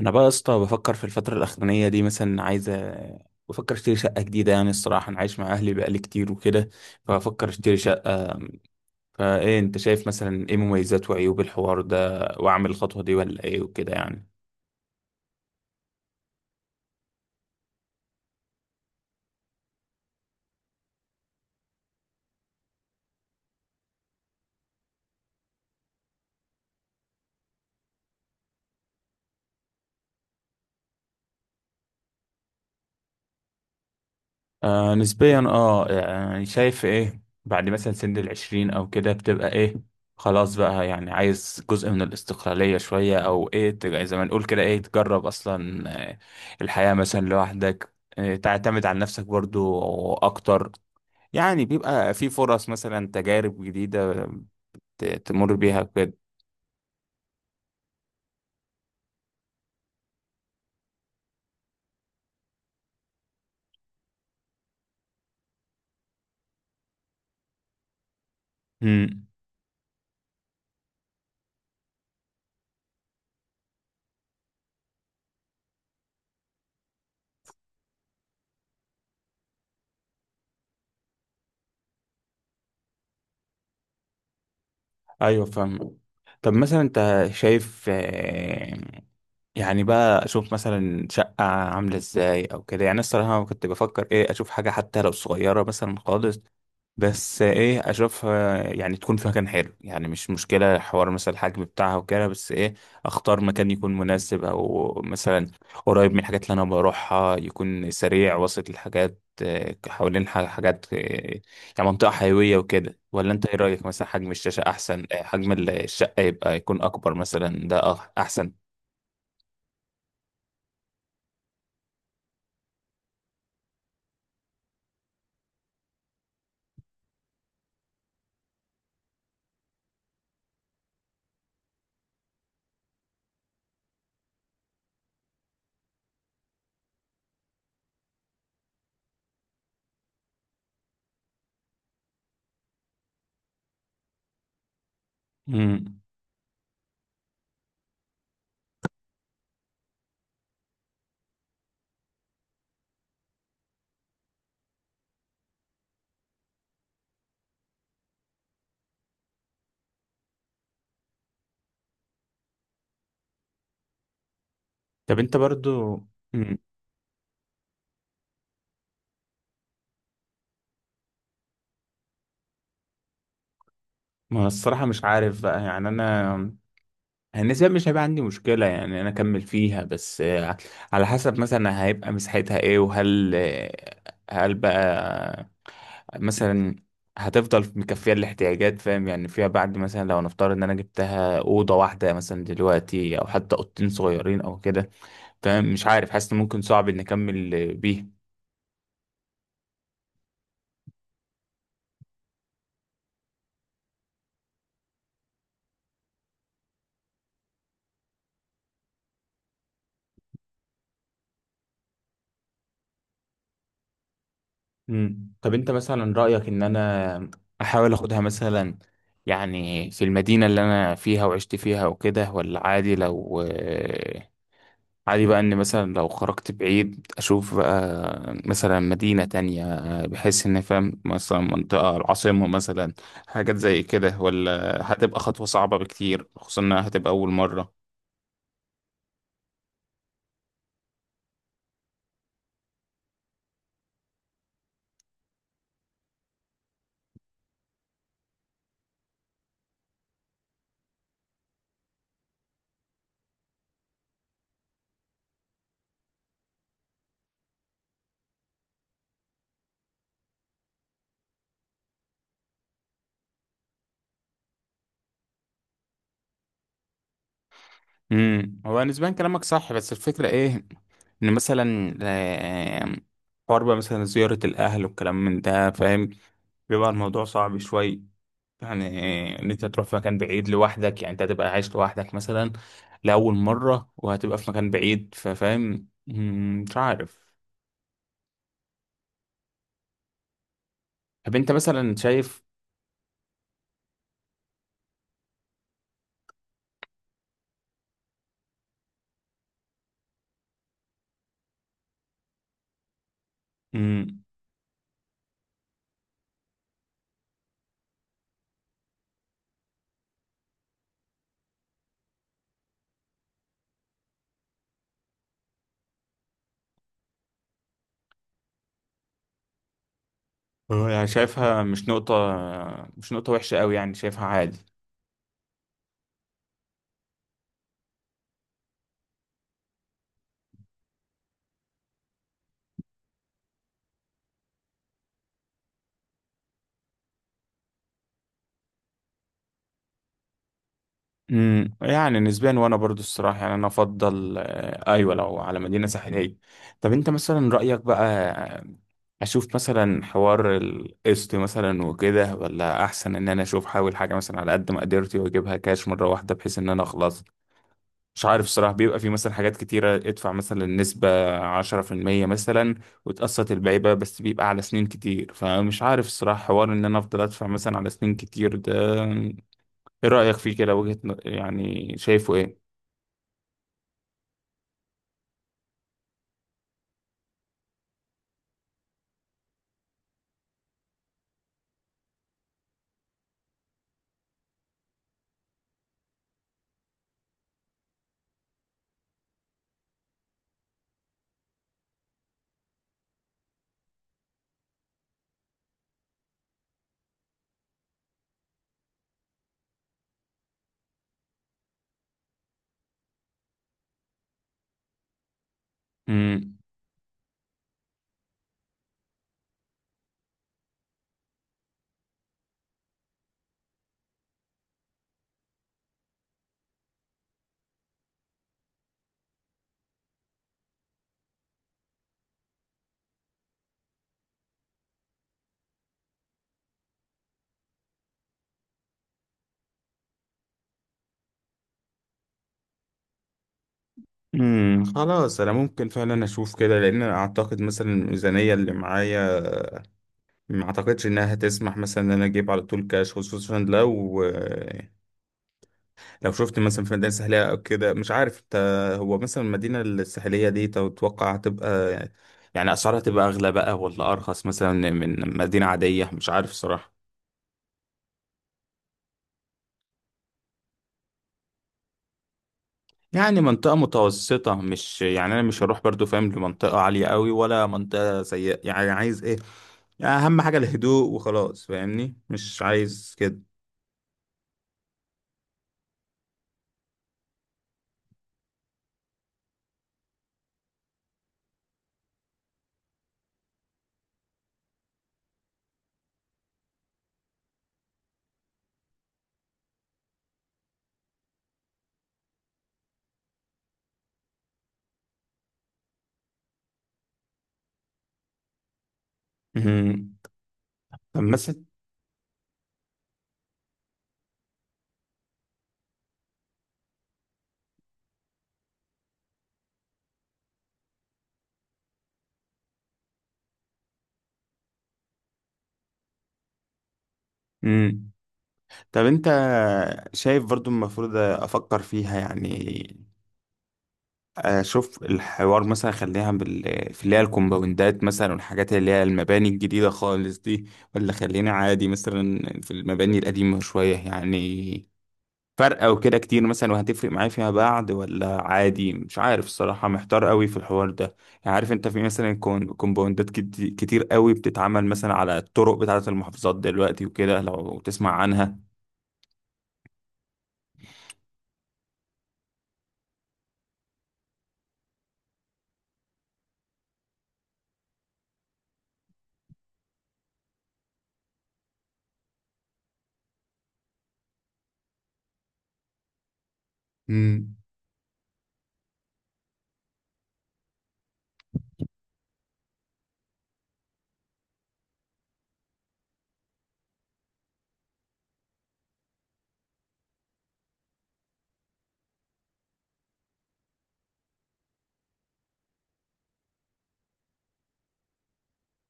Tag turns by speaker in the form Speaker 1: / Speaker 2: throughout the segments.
Speaker 1: انا بقى يا اسطى بفكر في الفتره الاخرانيه دي، مثلا عايز بفكر اشتري شقه جديده. يعني الصراحه انا عايش مع اهلي بقالي كتير وكده، فبفكر اشتري شقه. فايه انت شايف مثلا ايه مميزات وعيوب الحوار ده واعمل الخطوه دي ولا ايه وكده يعني؟ آه نسبيا، اه يعني شايف ايه بعد مثلا سن 20 او كده بتبقى ايه. خلاص بقى، يعني عايز جزء من الاستقلالية شوية او ايه زي ما نقول كده، ايه تجرب اصلا. الحياة مثلا لوحدك، تعتمد على نفسك برضو اكتر. يعني بيبقى في فرص مثلا تجارب جديدة تمر بيها كده. امم، ايوه فاهم. طب مثلا انت شايف، يعني بقى اشوف مثلا شقة عاملة ازاي او كده، يعني أنا الصراحة كنت بفكر ايه اشوف حاجة حتى لو صغيرة مثلا خالص، بس ايه اشوفها يعني تكون في مكان حلو، يعني مش مشكلة حوار مثلا الحجم بتاعها وكده، بس ايه اختار مكان يكون مناسب، او مثلا قريب من الحاجات اللي انا بروحها، يكون سريع وسط الحاجات، حوالين حاجات، يعني منطقة حيوية وكده. ولا انت ايه رأيك، مثلا حجم الشاشة احسن حجم الشقة يبقى يكون اكبر مثلا، ده احسن؟ مم. طب انت برضو. مم. ما الصراحة مش عارف بقى، يعني انا النسبة مش هيبقى عندي مشكلة، يعني انا اكمل فيها، بس على حسب مثلا هيبقى مساحتها ايه، وهل هل بقى مثلا هتفضل مكفية الاحتياجات، فاهم يعني فيها بعد، مثلا لو نفترض ان انا جبتها أوضة واحدة مثلا دلوقتي، او حتى أوضتين صغيرين او كده، فاهم مش عارف، حاسس ان ممكن صعب ان اكمل بيها. مم. طب انت مثلا رأيك ان انا احاول اخدها مثلا يعني في المدينة اللي انا فيها وعشت فيها وكده، ولا عادي لو عادي بقى ان مثلا لو خرجت بعيد اشوف بقى مثلا مدينة تانية، بحيث ان فاهم مثلا منطقة العاصمة مثلا، حاجات زي كده، ولا هتبقى خطوة صعبة بكتير خصوصا انها هتبقى اول مرة؟ امم، هو نسبيا كلامك صح، بس الفكرة ايه ان مثلا حوار بقى مثلا زيارة الاهل والكلام من ده، فاهم بيبقى الموضوع صعب شوي. يعني ان انت تروح في مكان بعيد لوحدك، يعني انت هتبقى عايش لوحدك مثلا لأول مرة، وهتبقى في مكان بعيد، ففاهم مش عارف. طب انت مثلا شايف، مم، هو يعني شايفها مش نقطة وحشة قوي، يعني شايفها عادي. امم، يعني نسبيا، وانا برضو الصراحه يعني انا افضل، آه ايوه لو على مدينه ساحليه. طب انت مثلا رايك بقى آه، اشوف مثلا حوار القسط مثلا وكده، ولا احسن ان انا اشوف حاول حاجه مثلا على قد مقدرتي واجيبها كاش مره واحده بحيث ان انا اخلص؟ مش عارف الصراحه، بيبقى في مثلا حاجات كتيره، ادفع مثلا نسبه 10% مثلا وتقسط الباقي بقى، بس بيبقى على سنين كتير، فمش عارف الصراحه حوار ان انا افضل ادفع مثلا على سنين كتير ده، ايه رأيك فيه كده؟ وجهة يعني شايفه ايه؟ امم، امم، خلاص، انا ممكن فعلا اشوف كده، لان أنا اعتقد مثلا الميزانية اللي معايا ما اعتقدش انها هتسمح مثلا ان انا اجيب على طول كاش، خصوصا لو لو شفت مثلا في مدينة ساحلية او كده. مش عارف انت، هو مثلا المدينة الساحلية دي تتوقع هتبقى، يعني اسعارها تبقى اغلى بقى ولا ارخص مثلا من مدينة عادية؟ مش عارف صراحة، يعني منطقة متوسطة، مش يعني أنا مش هروح برضو فاهم لمنطقة عالية قوي ولا منطقة سيئة، يعني عايز إيه يعني، أهم حاجة الهدوء وخلاص، فاهمني مش عايز كده. مهم. طب مثلا. مم. طب أنت شايف برضو المفروض أفكر فيها، يعني أشوف الحوار مثلا، خليها في اللي هي الكومباوندات مثلا والحاجات اللي هي المباني الجديدة خالص دي، ولا خلينا عادي مثلا في المباني القديمة شوية؟ يعني فرقة وكده كتير مثلا، وهتفرق معايا فيما بعد، ولا عادي؟ مش عارف الصراحة، محتار قوي في الحوار ده. يعني عارف انت في مثلا كومباوندات كتير قوي بتتعمل مثلا على الطرق بتاعة المحافظات دلوقتي وكده، لو تسمع عنها. امم،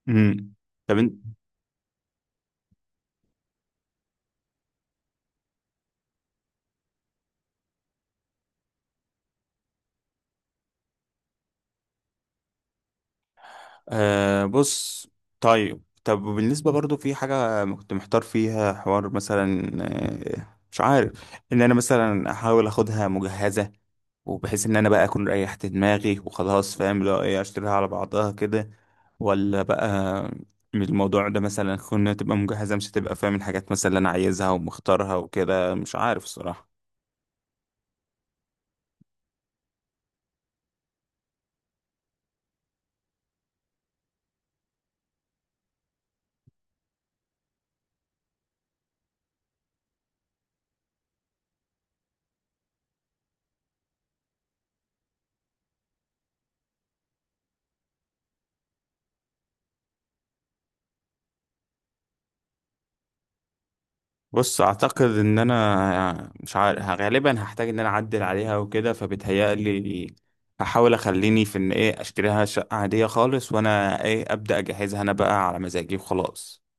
Speaker 1: امم. طب انت. أه، بص. طيب، طب بالنسبة برضو في حاجة كنت محتار فيها، حوار مثلا مش عارف ان انا مثلا احاول اخدها مجهزة، وبحيث ان انا بقى اكون ريحت دماغي وخلاص، فاهم لو ايه اشتريها على بعضها كده، ولا بقى من الموضوع ده مثلا كنا تبقى مجهزة، مش هتبقى فاهم الحاجات مثلا اللي انا عايزها ومختارها وكده، مش عارف الصراحة. بص اعتقد ان انا مش عارف غالبا هحتاج ان انا اعدل عليها وكده، فبتهيألي هحاول اخليني في ان ايه اشتريها شقة عادية خالص، وانا ايه ابدأ اجهزها انا بقى على مزاجي وخلاص.